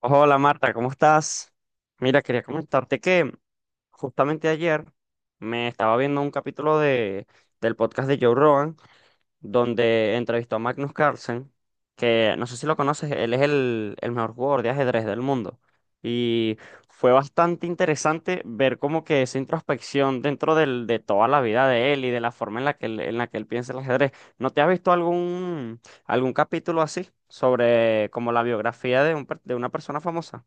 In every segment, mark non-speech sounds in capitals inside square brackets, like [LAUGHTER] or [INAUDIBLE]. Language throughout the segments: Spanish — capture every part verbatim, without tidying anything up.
Hola Marta, ¿cómo estás? Mira, quería comentarte que justamente ayer me estaba viendo un capítulo de, del podcast de Joe Rogan, donde entrevistó a Magnus Carlsen, que no sé si lo conoces, él es el, el mejor jugador de ajedrez del mundo. Y fue bastante interesante ver como que esa introspección dentro del, de toda la vida de él y de la forma en la que él, en la que él piensa el ajedrez. ¿No te has visto algún, algún capítulo así sobre como la biografía de un per- de una persona famosa?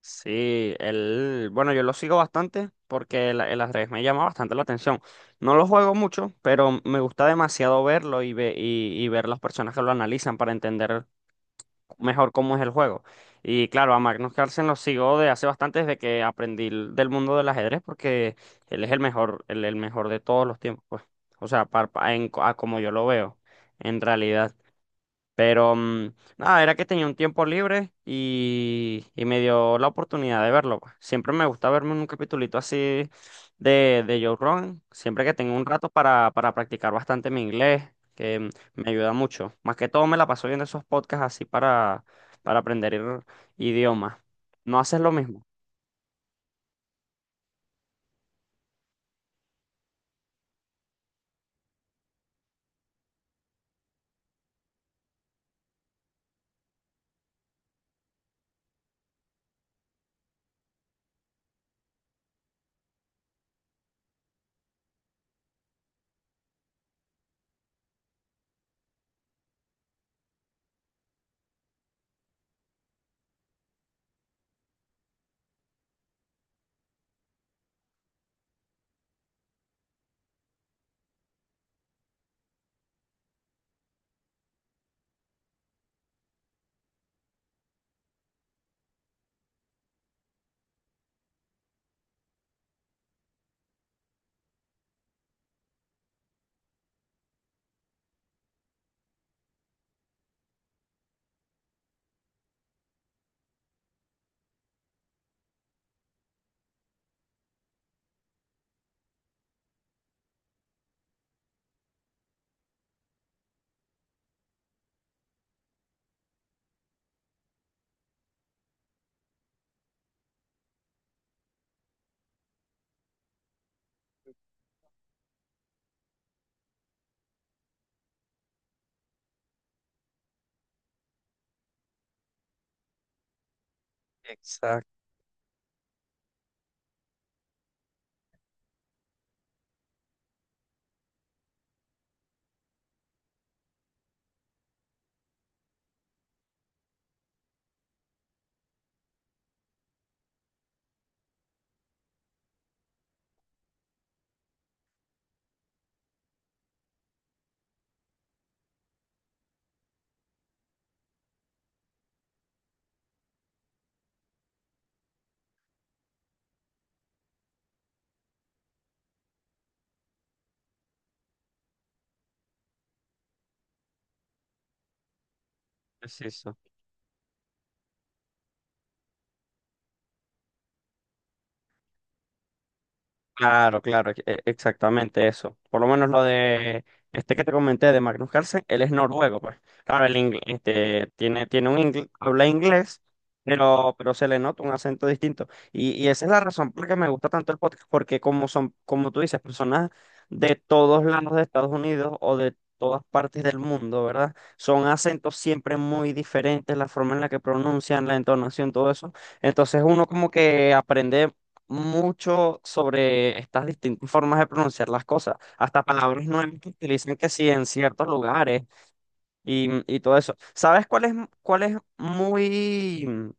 Sí, él, bueno, yo lo sigo bastante porque el, el ajedrez me llama bastante la atención. No lo juego mucho, pero me gusta demasiado verlo y, ve, y, y ver las personas que lo analizan para entender mejor cómo es el juego. Y claro, a Magnus Carlsen lo sigo de hace bastante desde que aprendí l- del mundo del ajedrez porque él es el mejor, el, el mejor de todos los tiempos, pues. O sea, par- pa- en, co- a como yo lo veo, en realidad. Pero mm, nada, era que tenía un tiempo libre y, y me dio la oportunidad de verlo, pues. Siempre me gusta verme un capitulito así de, de Joe Rogan, siempre que tengo un rato para, para practicar bastante mi inglés, que mm, me ayuda mucho. Más que todo me la paso viendo esos podcasts así para, para aprender idiomas. ¿No haces lo mismo? Exacto. Sí, sí. Claro, claro, e- e- exactamente eso. Por lo menos lo de este que te comenté de Magnus Carlsen, él es noruego, pues. Claro, el ingle- este, tiene, tiene un ingle- habla inglés, pero, pero se le nota un acento distinto. Y, y esa es la razón por la que me gusta tanto el podcast, porque como son, como tú dices, personas de todos lados de Estados Unidos o de todas partes del mundo, ¿verdad? Son acentos siempre muy diferentes, la forma en la que pronuncian, la entonación, todo eso. Entonces uno como que aprende mucho sobre estas distintas formas de pronunciar las cosas, hasta palabras nuevas que utilizan que sí en ciertos lugares y, y todo eso. ¿Sabes cuál es, ¿cuál es muy...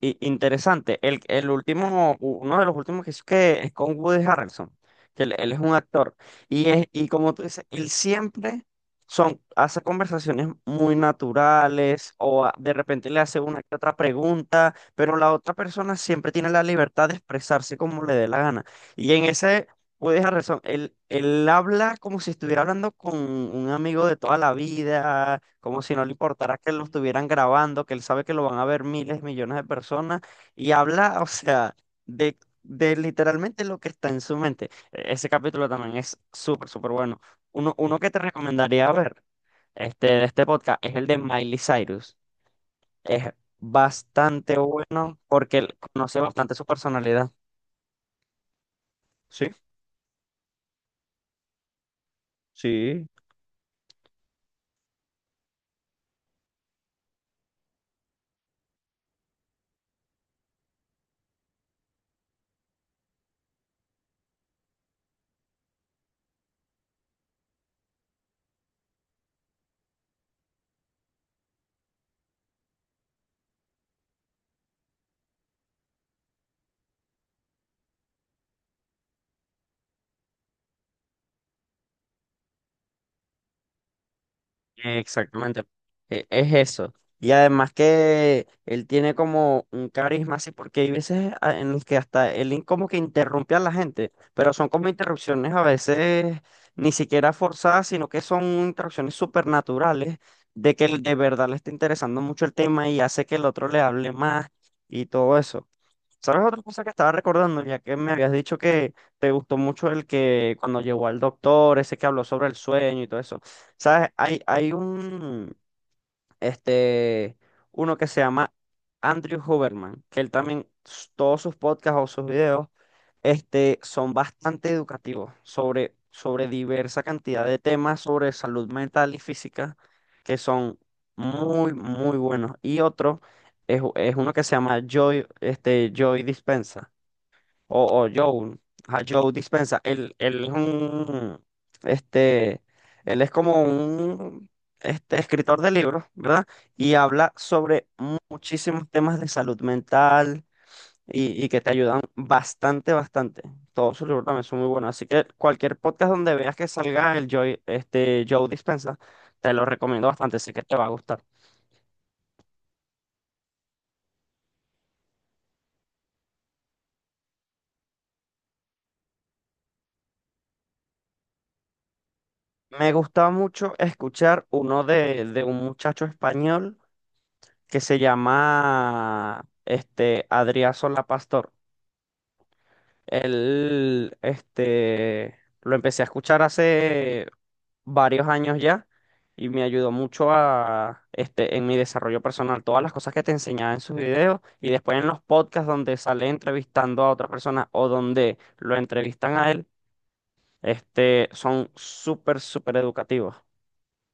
I- interesante? El, el último, uno de los últimos que hizo que es con Woody Harrelson, que él, él es un actor. Y es, y como tú dices, él siempre son, hace conversaciones muy naturales, o a- de repente le hace una que otra pregunta, pero la otra persona siempre tiene la libertad de expresarse como le dé la gana. Y en ese, puedes dejar razón. Él, él habla como si estuviera hablando con un amigo de toda la vida, como si no le importara que lo estuvieran grabando, que él sabe que lo van a ver miles, millones de personas, y habla, [LAUGHS] o sea, de, de literalmente lo que está en su mente. E- Ese capítulo también es súper, súper bueno. Uno, uno que te recomendaría ver este, de este podcast es el de Miley Cyrus. Es bastante bueno porque él conoce bastante su personalidad. Exactamente, e- es eso. Y además que él tiene como un carisma así, porque hay veces a- en los que hasta él in- como que interrumpe a la gente, pero son como interrupciones a veces ni siquiera forzadas, sino que son interrupciones supernaturales de que él de verdad le está interesando mucho el tema y hace que el otro le hable más y todo eso. ¿Sabes otra cosa que estaba recordando? Ya que me habías dicho que te gustó mucho el que cuando llegó al doctor, ese que habló sobre el sueño y todo eso. ¿Sabes? Hay, hay un, este, uno que se llama Andrew Huberman, que él también, s- todos sus podcasts o sus videos, este, son bastante educativos sobre, sobre diversa cantidad de temas sobre salud mental y física, que son muy, muy buenos. Y otro es, es uno que se llama Joy, este, Joy Dispenza o, o Joe, a Joe Dispenza, él, él es un, este, él es como un, este, escritor de libros, ¿verdad? Y habla sobre muchísimos temas de salud mental y, y que te ayudan bastante, bastante. Todos sus libros también son muy buenos. Así que cualquier podcast donde veas que salga el Joe, este, Joe Dispenza, te lo recomiendo bastante, sé que te va a gustar. Me gustaba mucho escuchar uno de, de un muchacho español que se llama este Adrià Solá Pastor. Él este lo empecé a escuchar hace varios años ya y me ayudó mucho a este en mi desarrollo personal, todas las cosas que te enseñaba en sus videos y después en los podcasts donde sale entrevistando a otra persona o donde lo entrevistan a él, este son súper súper educativos.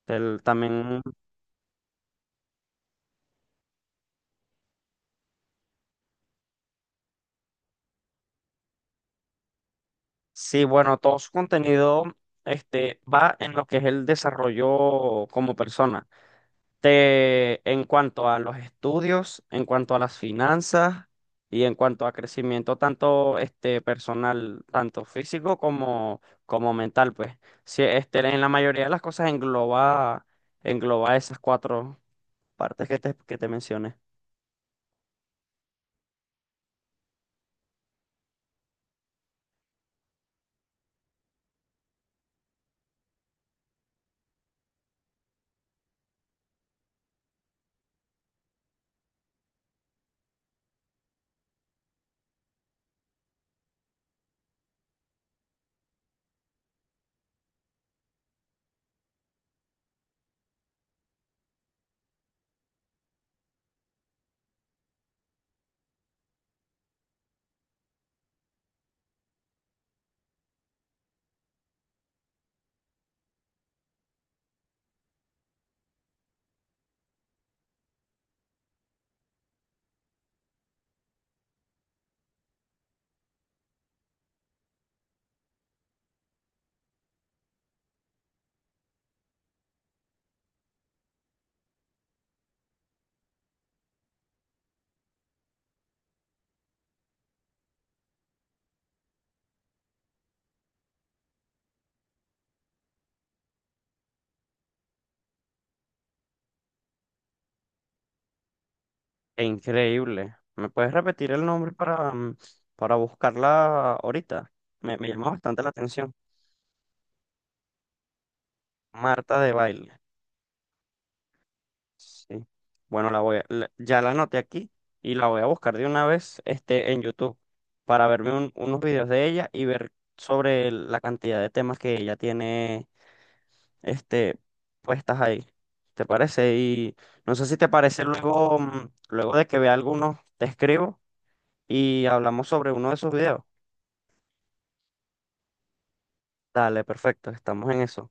Él también. Sí, bueno, todo su contenido este, va en lo que es el desarrollo como persona. Te- en cuanto a los estudios, en cuanto a las finanzas y en cuanto a crecimiento tanto este, personal, tanto físico como, como mental, pues. Sí, este, en la mayoría de las cosas engloba, engloba esas cuatro partes que te, que te mencioné. E increíble. ¿Me puedes repetir el nombre para, mm, para buscarla ahorita? Me, me llamó bastante la atención. Marta de Baile. Sí. Bueno, la voy a- la- ya la anoté aquí y la voy a buscar de una vez este, en YouTube para verme un- unos videos de ella y ver sobre la cantidad de temas que ella tiene este, puestas ahí. ¿Te parece? Y no sé si te parece luego, mm, luego de que vea algunos, te escribo y hablamos sobre uno de esos videos. Dale, perfecto, estamos en eso.